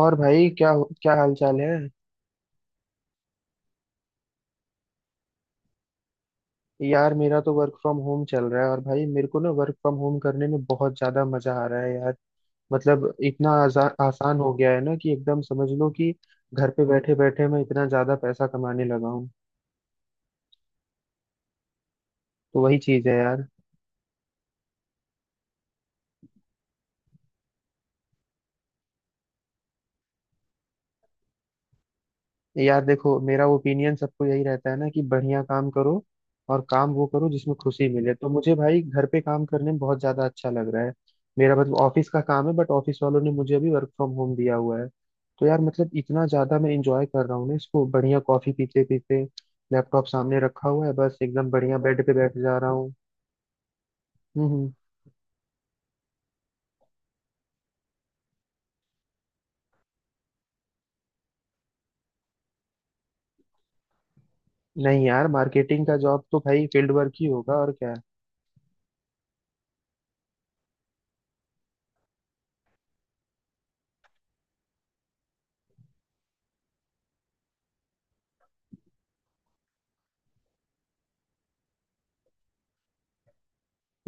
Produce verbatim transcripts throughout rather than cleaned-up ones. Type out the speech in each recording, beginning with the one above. और भाई क्या क्या हाल चाल है। यार मेरा तो वर्क फ्रॉम होम चल रहा है और भाई मेरे को ना वर्क फ्रॉम होम करने में बहुत ज्यादा मजा आ रहा है यार। मतलब इतना आजा, आसान हो गया है ना कि एकदम समझ लो कि घर पे बैठे बैठे मैं इतना ज्यादा पैसा कमाने लगा हूँ। तो वही चीज है यार। यार देखो मेरा ओपिनियन सबको यही रहता है ना कि बढ़िया काम करो और काम वो करो जिसमें खुशी मिले, तो मुझे भाई घर पे काम करने में बहुत ज्यादा अच्छा लग रहा है। मेरा मतलब ऑफिस का काम है, बट ऑफिस वालों ने मुझे अभी वर्क फ्रॉम होम दिया हुआ है। तो यार मतलब इतना ज्यादा मैं इंजॉय कर रहा हूँ ना इसको, बढ़िया कॉफी पीते पीते लैपटॉप सामने रखा हुआ है, बस एकदम बढ़िया बेड पे बैठ जा रहा हूँ। हम्म हम्म। नहीं यार, मार्केटिंग का जॉब तो भाई फील्ड वर्क ही होगा और क्या।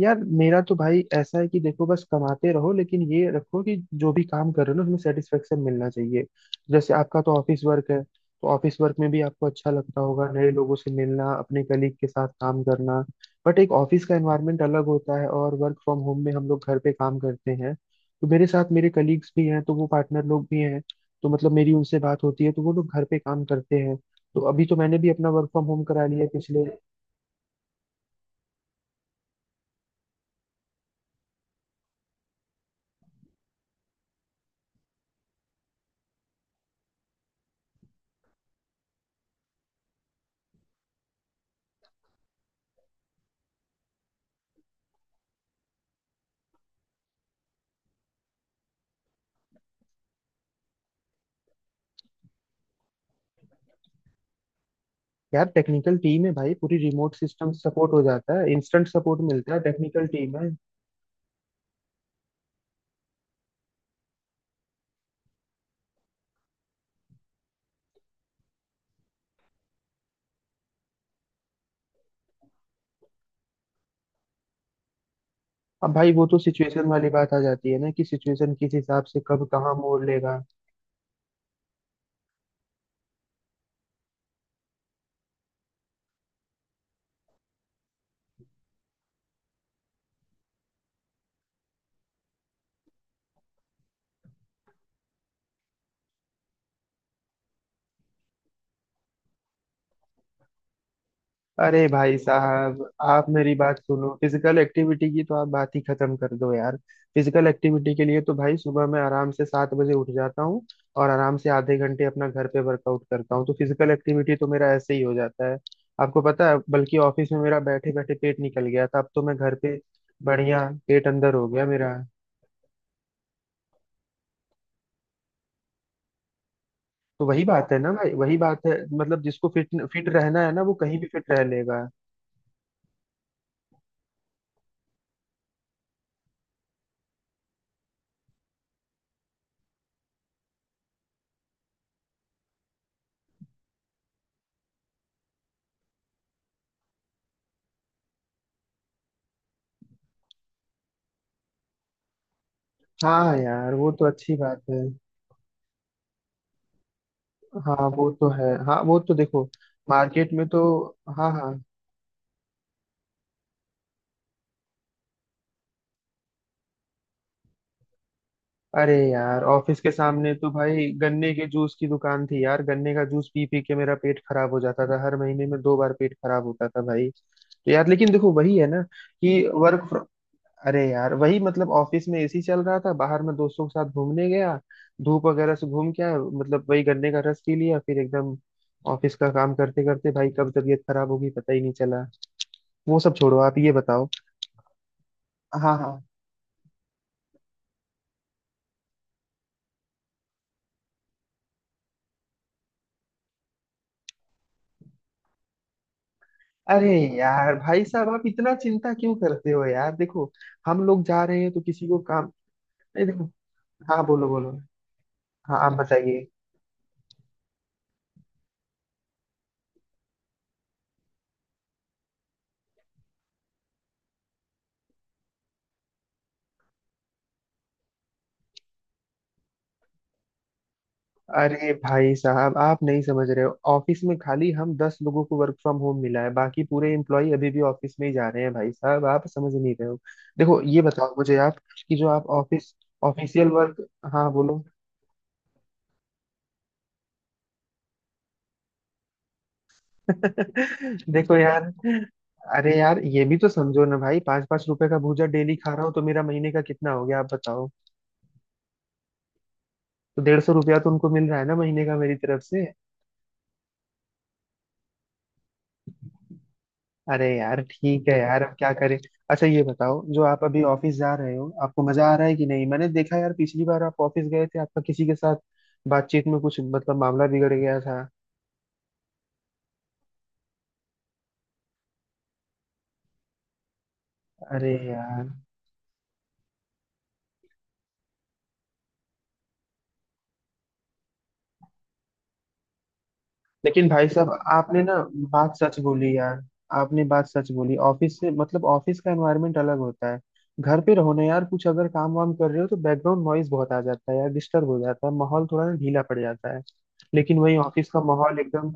यार मेरा तो भाई ऐसा है कि देखो बस कमाते रहो, लेकिन ये रखो कि जो भी काम कर रहे हो ना उसमें सेटिस्फेक्शन मिलना चाहिए। जैसे आपका तो ऑफिस वर्क है, तो ऑफिस वर्क में भी आपको अच्छा लगता होगा नए लोगों से मिलना, अपने कलीग के साथ काम करना। बट एक ऑफिस का एनवायरनमेंट अलग होता है और वर्क फ्रॉम होम में हम लोग घर पे काम करते हैं। तो मेरे साथ मेरे कलीग्स भी हैं, तो वो पार्टनर लोग भी हैं, तो मतलब मेरी उनसे बात होती है, तो वो लोग घर पे काम करते हैं। तो अभी तो मैंने भी अपना वर्क फ्रॉम होम करा लिया पिछले। यार टेक्निकल टीम है भाई, पूरी रिमोट सिस्टम सपोर्ट हो जाता है, इंस्टेंट सपोर्ट मिलता है, टेक्निकल टीम है। अब भाई वो तो सिचुएशन वाली बात आ जाती है ना कि सिचुएशन किस हिसाब से कब कहाँ मोड़ लेगा। अरे भाई साहब, आप मेरी बात सुनो, फिजिकल एक्टिविटी की तो आप बात ही खत्म कर दो यार। फिजिकल एक्टिविटी के लिए तो भाई सुबह मैं आराम से सात बजे उठ जाता हूँ और आराम से आधे घंटे अपना घर पे वर्कआउट करता हूँ, तो फिजिकल एक्टिविटी तो मेरा ऐसे ही हो जाता है। आपको पता है बल्कि ऑफिस में मेरा बैठे बैठे पेट निकल गया था, अब तो मैं घर पे बढ़िया पेट अंदर हो गया मेरा। तो वही बात है ना भाई, वही बात है, मतलब जिसको फिट फिट रहना है ना वो कहीं भी फिट रह लेगा। हाँ यार वो तो अच्छी बात है। हाँ वो तो है, हाँ वो तो देखो, मार्केट में तो, हाँ हाँ। अरे यार ऑफिस के सामने तो भाई गन्ने के जूस की दुकान थी यार, गन्ने का जूस पी पी के मेरा पेट खराब हो जाता था, हर महीने में दो बार पेट खराब होता था भाई। तो यार लेकिन देखो वही है ना कि वर्क फ्रॉम अरे यार वही मतलब ऑफिस में एसी चल रहा था, बाहर में दोस्तों के साथ घूमने गया, धूप वगैरह से घूम के आया, मतलब वही गन्ने का रस पी लिया, फिर एकदम ऑफिस का काम करते करते भाई कब तबीयत खराब होगी पता ही नहीं चला। वो सब छोड़ो, आप ये बताओ। हाँ हाँ। अरे यार भाई साहब आप इतना चिंता क्यों करते हो यार, देखो हम लोग जा रहे हैं तो किसी को काम। नहीं देखो। हाँ बोलो बोलो। हाँ आप बताइए। अरे भाई साहब आप नहीं समझ रहे हो, ऑफिस में खाली हम दस लोगों को वर्क फ्रॉम होम मिला है, बाकी पूरे एम्प्लॉय अभी भी ऑफिस में ही जा रहे हैं, भाई साहब आप समझ नहीं रहे हो। देखो ये बताओ मुझे आप कि जो आप ऑफिस ऑफिशियल वर्क। हाँ बोलो। देखो यार, अरे यार ये भी तो समझो ना भाई, पाँच पाँच रुपए का भूजा डेली खा रहा हूँ तो मेरा महीने का कितना हो गया आप बताओ। तो डेढ़ सौ रुपया तो उनको मिल रहा है ना महीने का मेरी तरफ से। अरे यार ठीक है यार, अब क्या करें। अच्छा ये बताओ जो आप अभी ऑफिस जा रहे हो आपको मजा आ रहा है कि नहीं, मैंने देखा यार पिछली बार आप ऑफिस गए थे आपका किसी के साथ बातचीत में कुछ मतलब मामला बिगड़ गया था। अरे यार, लेकिन भाई साहब आपने ना बात सच बोली यार, आपने बात सच बोली, ऑफिस से मतलब ऑफिस का एनवायरनमेंट अलग होता है। घर पे रहो ना यार, कुछ अगर काम वाम कर रहे हो तो बैकग्राउंड नॉइज बहुत आ जाता है यार, डिस्टर्ब हो जाता है, माहौल थोड़ा ना ढीला पड़ जाता है। लेकिन वही ऑफिस का माहौल एकदम।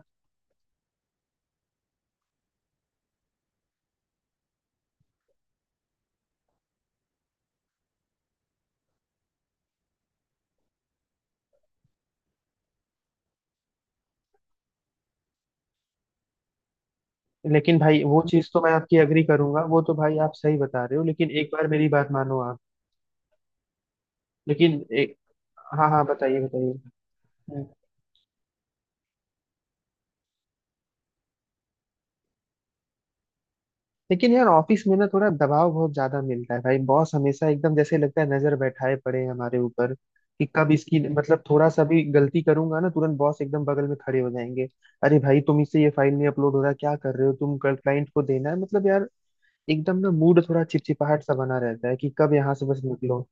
लेकिन भाई वो चीज तो मैं आपकी एग्री करूंगा, वो तो भाई आप सही बता रहे हो, लेकिन एक बार मेरी बात मानो आप। लेकिन एक हाँ हाँ बताइए बताइए। लेकिन यार ऑफिस में ना थोड़ा दबाव बहुत ज्यादा मिलता है भाई, बॉस हमेशा एकदम जैसे लगता है नजर बैठाए पड़े हैं हमारे ऊपर कि कब इसकी, मतलब थोड़ा सा भी गलती करूंगा ना तुरंत बॉस एकदम बगल में खड़े हो जाएंगे। अरे भाई तुम इससे ये फाइल नहीं अपलोड हो रहा, क्या कर रहे हो तुम, कल क्लाइंट को देना है, मतलब यार एकदम ना मूड थोड़ा चिपचिपाहट सा बना रहता है कि कब यहाँ से बस निकलो।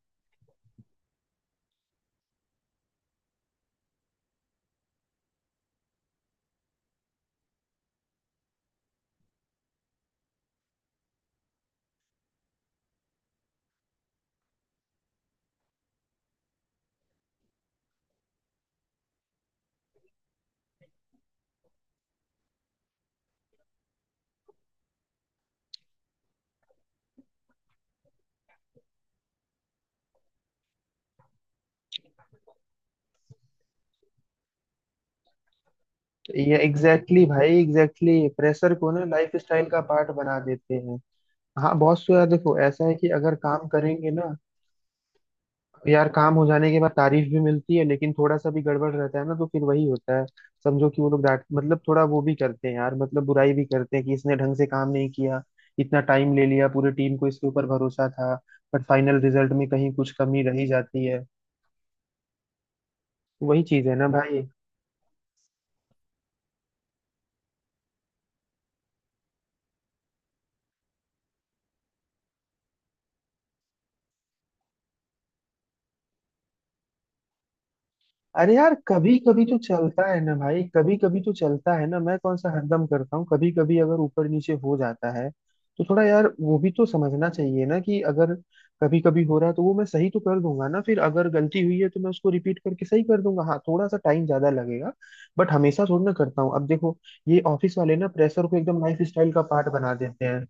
ये एग्जैक्टली exactly भाई, एग्जैक्टली exactly, प्रेशर को ना लाइफ स्टाइल का पार्ट बना देते हैं। हाँ बॉस तो यार देखो ऐसा है कि अगर काम करेंगे ना। यार काम हो जाने के बाद तारीफ भी मिलती है, लेकिन थोड़ा सा भी गड़बड़ रहता है ना तो फिर वही होता है, समझो कि वो लोग डांट मतलब थोड़ा वो भी करते हैं यार, मतलब बुराई भी करते हैं कि इसने ढंग से काम नहीं किया, इतना टाइम ले लिया, पूरी टीम को इसके ऊपर भरोसा था, बट फाइनल रिजल्ट में कहीं कुछ कमी रह ही जाती है। वही चीज है ना भाई। अरे यार कभी कभी तो चलता है ना भाई, कभी कभी तो चलता है ना, मैं कौन सा हरदम करता हूँ, कभी कभी अगर ऊपर नीचे हो जाता है तो थोड़ा यार वो भी तो समझना चाहिए ना कि अगर कभी कभी हो रहा है तो वो मैं सही तो कर दूंगा ना फिर, अगर गलती हुई है तो मैं उसको रिपीट करके सही कर दूंगा, हाँ थोड़ा सा टाइम ज्यादा लगेगा, बट हमेशा थोड़ी ना करता हूँ। अब देखो ये ऑफिस वाले ना प्रेशर को एकदम लाइफ स्टाइल का पार्ट बना देते हैं।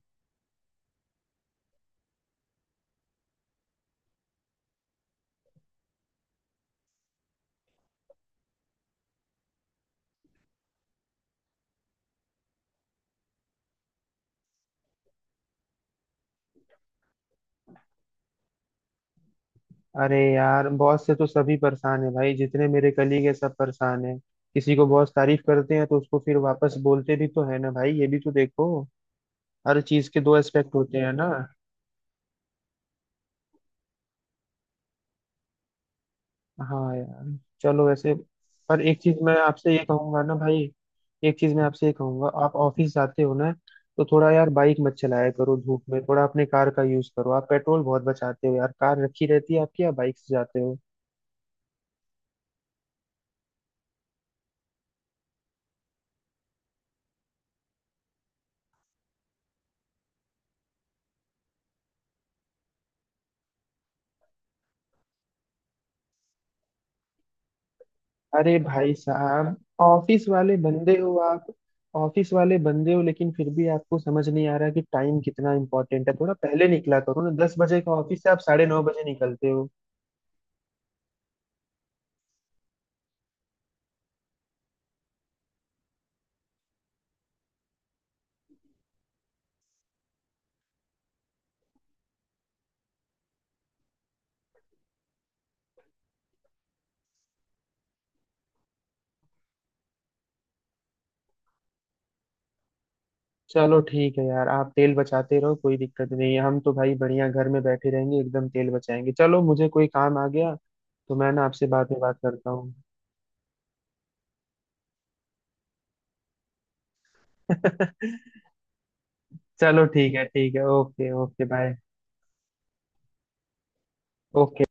अरे यार बॉस से तो सभी परेशान है भाई, जितने मेरे कलीग है सब परेशान है, किसी को बॉस तारीफ करते हैं तो उसको फिर वापस बोलते भी तो है ना भाई, ये भी तो देखो हर चीज के दो एस्पेक्ट होते हैं ना। हाँ यार चलो वैसे, पर एक चीज मैं आपसे ये कहूंगा ना भाई, एक चीज मैं आपसे ये कहूंगा, आप ऑफिस जाते हो ना, तो थोड़ा यार बाइक मत चलाया करो धूप में, थोड़ा अपने कार का यूज करो आप, पेट्रोल बहुत बचाते हो यार, कार रखी रहती है आपकी या बाइक से जाते हो। अरे भाई साहब ऑफिस वाले बंदे हो आप, ऑफिस वाले बंदे हो लेकिन फिर भी आपको समझ नहीं आ रहा कि टाइम कितना इंपॉर्टेंट है, थोड़ा पहले निकला करो ना, दस बजे का ऑफिस से आप साढ़े नौ बजे निकलते हो। चलो ठीक है यार, आप तेल बचाते रहो, कोई दिक्कत नहीं है, हम तो भाई बढ़िया घर में बैठे रहेंगे एकदम, तेल बचाएंगे। चलो मुझे कोई काम आ गया तो मैं ना आपसे बाद में बात करता हूँ। चलो ठीक है ठीक है, ओके ओके, बाय। ओके।